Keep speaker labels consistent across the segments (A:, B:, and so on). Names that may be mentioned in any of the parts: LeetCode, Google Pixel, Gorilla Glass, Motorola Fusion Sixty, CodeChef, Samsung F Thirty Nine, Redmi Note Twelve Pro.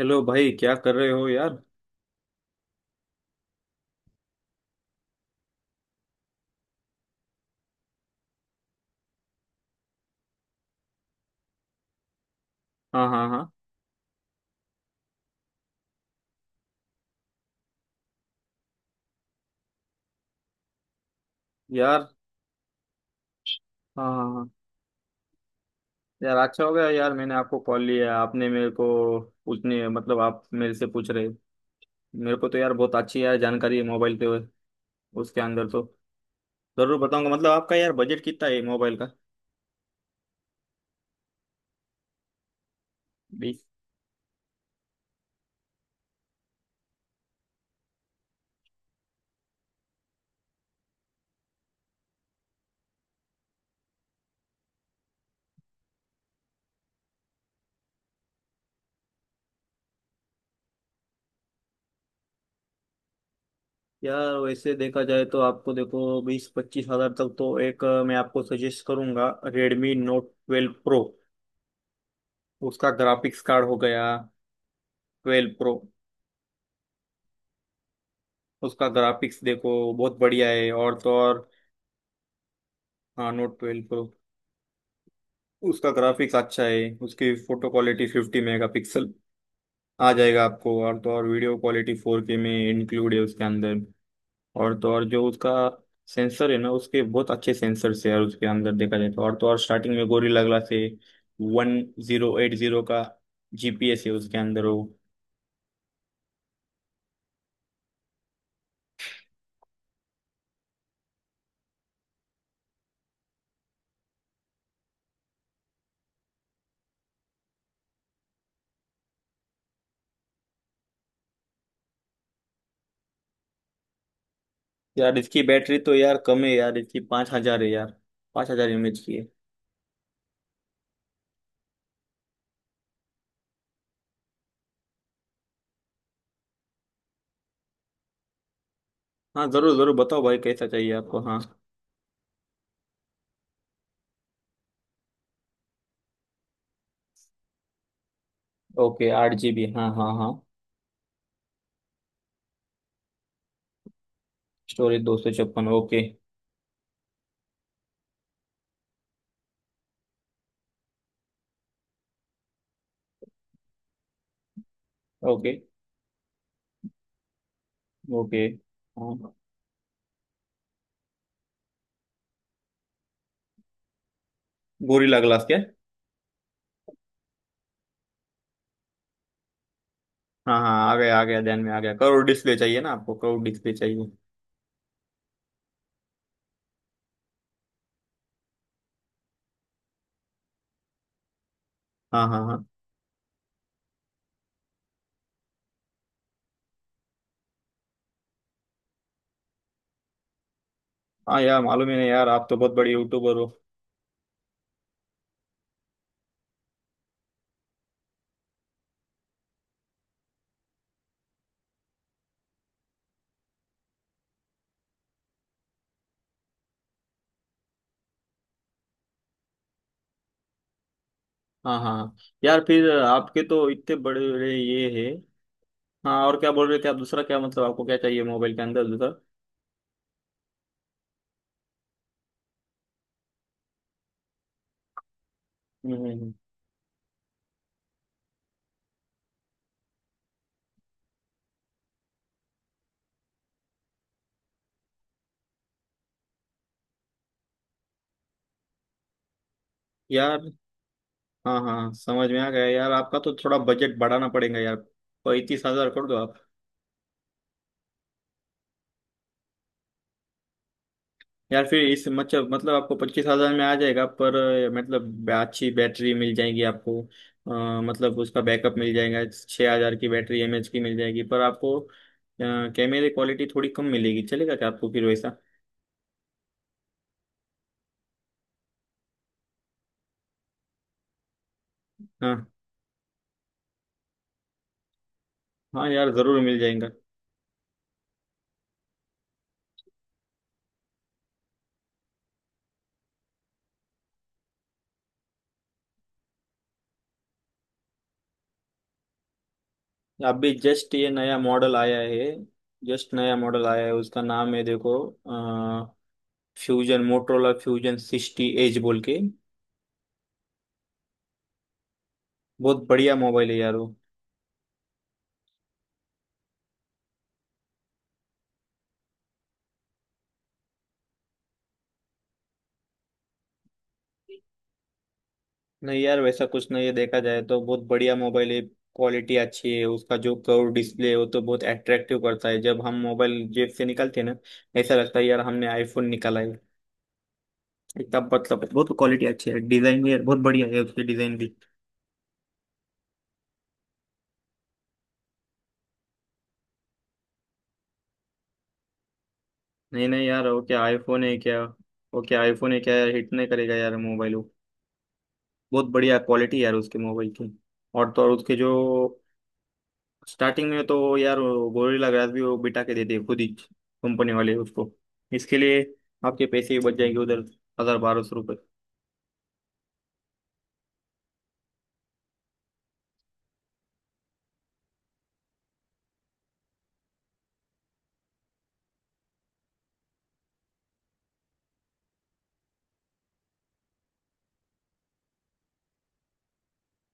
A: Hello भाई, क्या कर रहे हो यार। हाँ हाँ हाँ। यार हाँ हाँ हाँ। यार अच्छा हो गया यार, मैंने आपको कॉल लिया, आपने मेरे को पूछने, मतलब आप मेरे से पूछ रहे, मेरे को तो यार बहुत अच्छी यार जानकारी है मोबाइल के, उसके अंदर तो जरूर बताऊंगा। मतलब आपका यार बजट कितना है मोबाइल का। बीस, यार वैसे देखा जाए तो आपको देखो बीस पच्चीस हजार तक तो एक मैं आपको सजेस्ट करूंगा रेडमी नोट ट्वेल्व प्रो। उसका ग्राफिक्स कार्ड हो गया ट्वेल्व प्रो। उसका ग्राफिक्स देखो बहुत बढ़िया है, और तो और। हाँ नोट ट्वेल्व प्रो। उसका ग्राफिक्स अच्छा है। उसकी photo quality fifty megapixel आ जाएगा आपको, और तो और वीडियो क्वालिटी फोर के में इंक्लूड है उसके अंदर। और तो और जो उसका सेंसर है ना, उसके बहुत अच्छे सेंसर्स है यार उसके अंदर देखा जाए तो। और तो और स्टार्टिंग में गोरिल्ला ग्लास है वन जीरो एट जीरो का। जीपीएस है उसके अंदर वो। यार इसकी बैटरी तो यार कम है यार, इसकी पाँच हजार है यार, पाँच हजार एमएच की है। हाँ जरूर जरूर बताओ भाई, कैसा चाहिए आपको। हाँ ओके, आठ जी बी, हाँ हाँ हाँ। स्टोरेज दो सौ छप्पन, ओके ओके ओके। हाँ, गोरिल्ला ग्लास क्या। हाँ हाँ, आ गया आ गया, ध्यान में आ गया। करोड़ डिस्प्ले चाहिए ना आपको, करोड़ डिस्प्ले चाहिए। हाँ हाँ हाँ। हाँ यार, मालूम ही नहीं, यार आप तो बहुत बड़े यूट्यूबर हो। हाँ हाँ हाँ। यार फिर आपके तो इतने बड़े बड़े ये है। हाँ, और क्या बोल रहे थे आप, दूसरा क्या, मतलब आपको क्या चाहिए मोबाइल के अंदर दूसरा। हम्म हम्म, हम्म। यार हाँ हाँ, समझ में आ गया यार, आपका तो थोड़ा बजट बढ़ाना पड़ेगा यार, पैंतीस हजार कर दो आप। यार फिर इस मतलब आपको पच्चीस हजार में आ जाएगा पर मतलब अच्छी बैटरी मिल जाएगी आपको मतलब उसका बैकअप मिल जाएगा। छः हजार की बैटरी एमएच की मिल जाएगी, पर आपको कैमरे क्वालिटी थोड़ी कम मिलेगी, चलेगा क्या आपको फिर वैसा। हाँ हाँ यार ज़रूर मिल जाएगा। अभी जस्ट ये नया मॉडल आया है, जस्ट नया मॉडल आया है, उसका नाम है देखो fusion, Motorola fusion sixty edge बोल के। बहुत बढ़िया मोबाइल है यार वो। नहीं यार वैसा कुछ नहीं है, देखा जाए तो बहुत बढ़िया मोबाइल है, क्वालिटी अच्छी है उसका। जो कर्व डिस्प्ले है वो तो बहुत अट्रैक्टिव करता है, जब हम मोबाइल जेब से निकालते हैं ना, ऐसा लगता है यार हमने आईफोन निकाला है। इतना मतलब बहुत क्वालिटी अच्छी है, डिजाइन भी यार बहुत बढ़िया है उसकी, डिजाइन भी। नहीं नहीं यार, वो क्या आईफोन है क्या, वो क्या आईफोन है क्या यार, हिट नहीं करेगा यार मोबाइल वो। बहुत बढ़िया क्वालिटी यार उसके मोबाइल की। और तो और उसके जो स्टार्टिंग में तो यार गोरिल्ला ग्लास भी वो बिठा के देते हैं खुद ही, कंपनी वाले उसको, इसके लिए आपके पैसे ही बच जाएंगे उधर, हजार बारह सौ रुपये।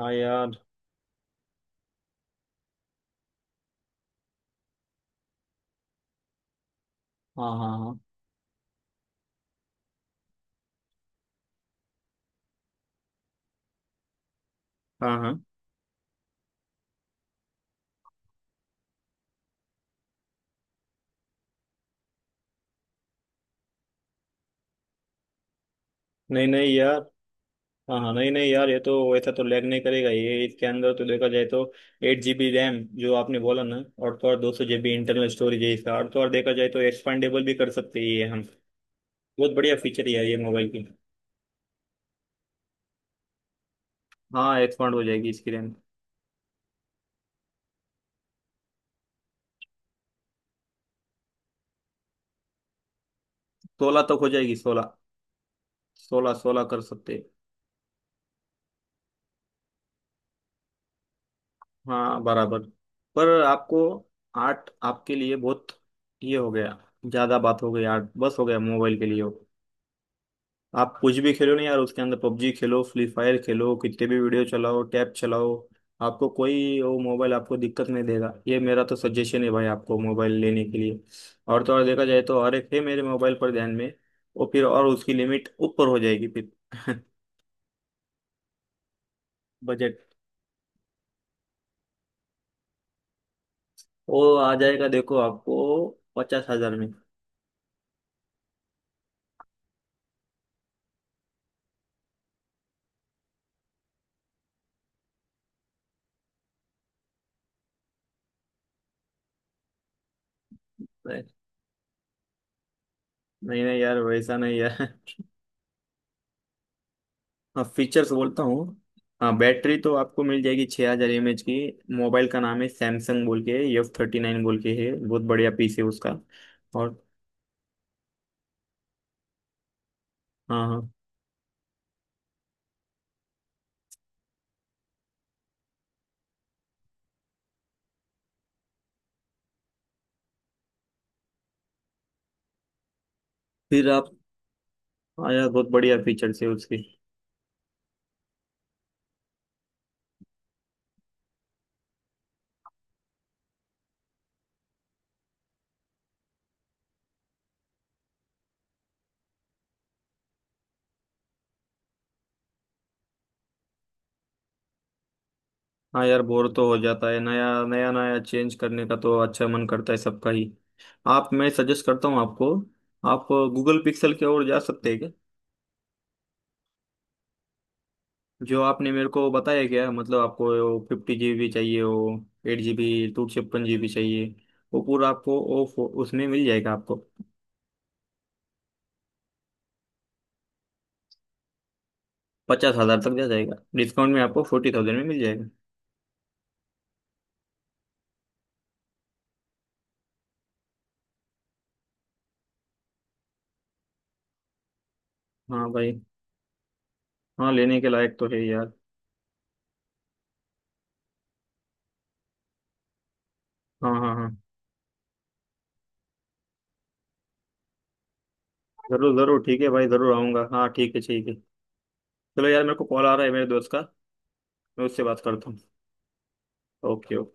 A: हाँ यार। हाँ हाँ हाँ। हाँ हाँ नहीं नहीं यार, हाँ हाँ नहीं नहीं यार, ये तो ऐसा तो लैग नहीं करेगा ये, इसके अंदर तो देखा जाए तो एट जी बी रैम जो आपने बोला ना, और तो और दो सौ जी बी इंटरनल स्टोरेज है इसका, और तो और देखा जाए तो एक्सपेंडेबल भी कर सकते हैं ये हम। बहुत बढ़िया फीचर है यार ये मोबाइल की। हाँ एक्सपांड हो जाएगी इसकी रैम। सोलह तक हो जाएगी सोलह, सोलह सोलह कर सकते। हाँ बराबर, पर आपको आर्ट आपके लिए बहुत, ये हो गया, ज्यादा बात हो गई, आर्ट बस हो गया मोबाइल के लिए हो। आप कुछ भी खेलो ना यार उसके अंदर, पबजी खेलो, फ्री फायर खेलो, कितने भी वीडियो चलाओ, टैब चलाओ, आपको कोई वो मोबाइल आपको दिक्कत नहीं देगा, ये मेरा तो सजेशन है भाई आपको मोबाइल लेने के लिए। और तो और देखा जाए तो हर एक है मेरे मोबाइल पर ध्यान में, वो फिर और उसकी लिमिट ऊपर हो जाएगी फिर। बजट, वो आ जाएगा देखो आपको पचास हजार में। नहीं नहीं यार वैसा नहीं है। हाँ फीचर्स बोलता हूँ। हाँ बैटरी तो आपको मिल जाएगी 6000 हजार एम एच की, मोबाइल का नाम है सैमसंग बोल के एफ थर्टी नाइन बोल के, है बहुत बढ़िया पीस है उसका। और हाँ हाँ, फिर आप, हाँ यार बहुत बढ़िया फीचर्स है उसकी। हाँ यार बोर तो हो जाता है, नया नया नया चेंज करने का तो अच्छा मन करता है सबका ही। आप, मैं सजेस्ट करता हूँ आपको, आप गूगल पिक्सल की ओर जा सकते हैं क्या? जो आपने मेरे को बताया, क्या मतलब आपको फिफ्टी जीबी चाहिए हो, एट जीबी टू छप्पन जीबी चाहिए, वो पूरा आपको वो उसमें मिल जाएगा आपको। पचास हजार तक जा जाएगा, डिस्काउंट में आपको फोर्टी थाउजेंड में मिल जाएगा। हाँ भाई, हाँ लेने के लायक तो है यार। हाँ हाँ हाँ जरूर जरूर, ठीक है भाई, जरूर आऊँगा, हाँ ठीक है ठीक है। चलो यार, मेरे को कॉल आ रहा है मेरे दोस्त का, मैं उससे बात करता हूँ। Okay okay.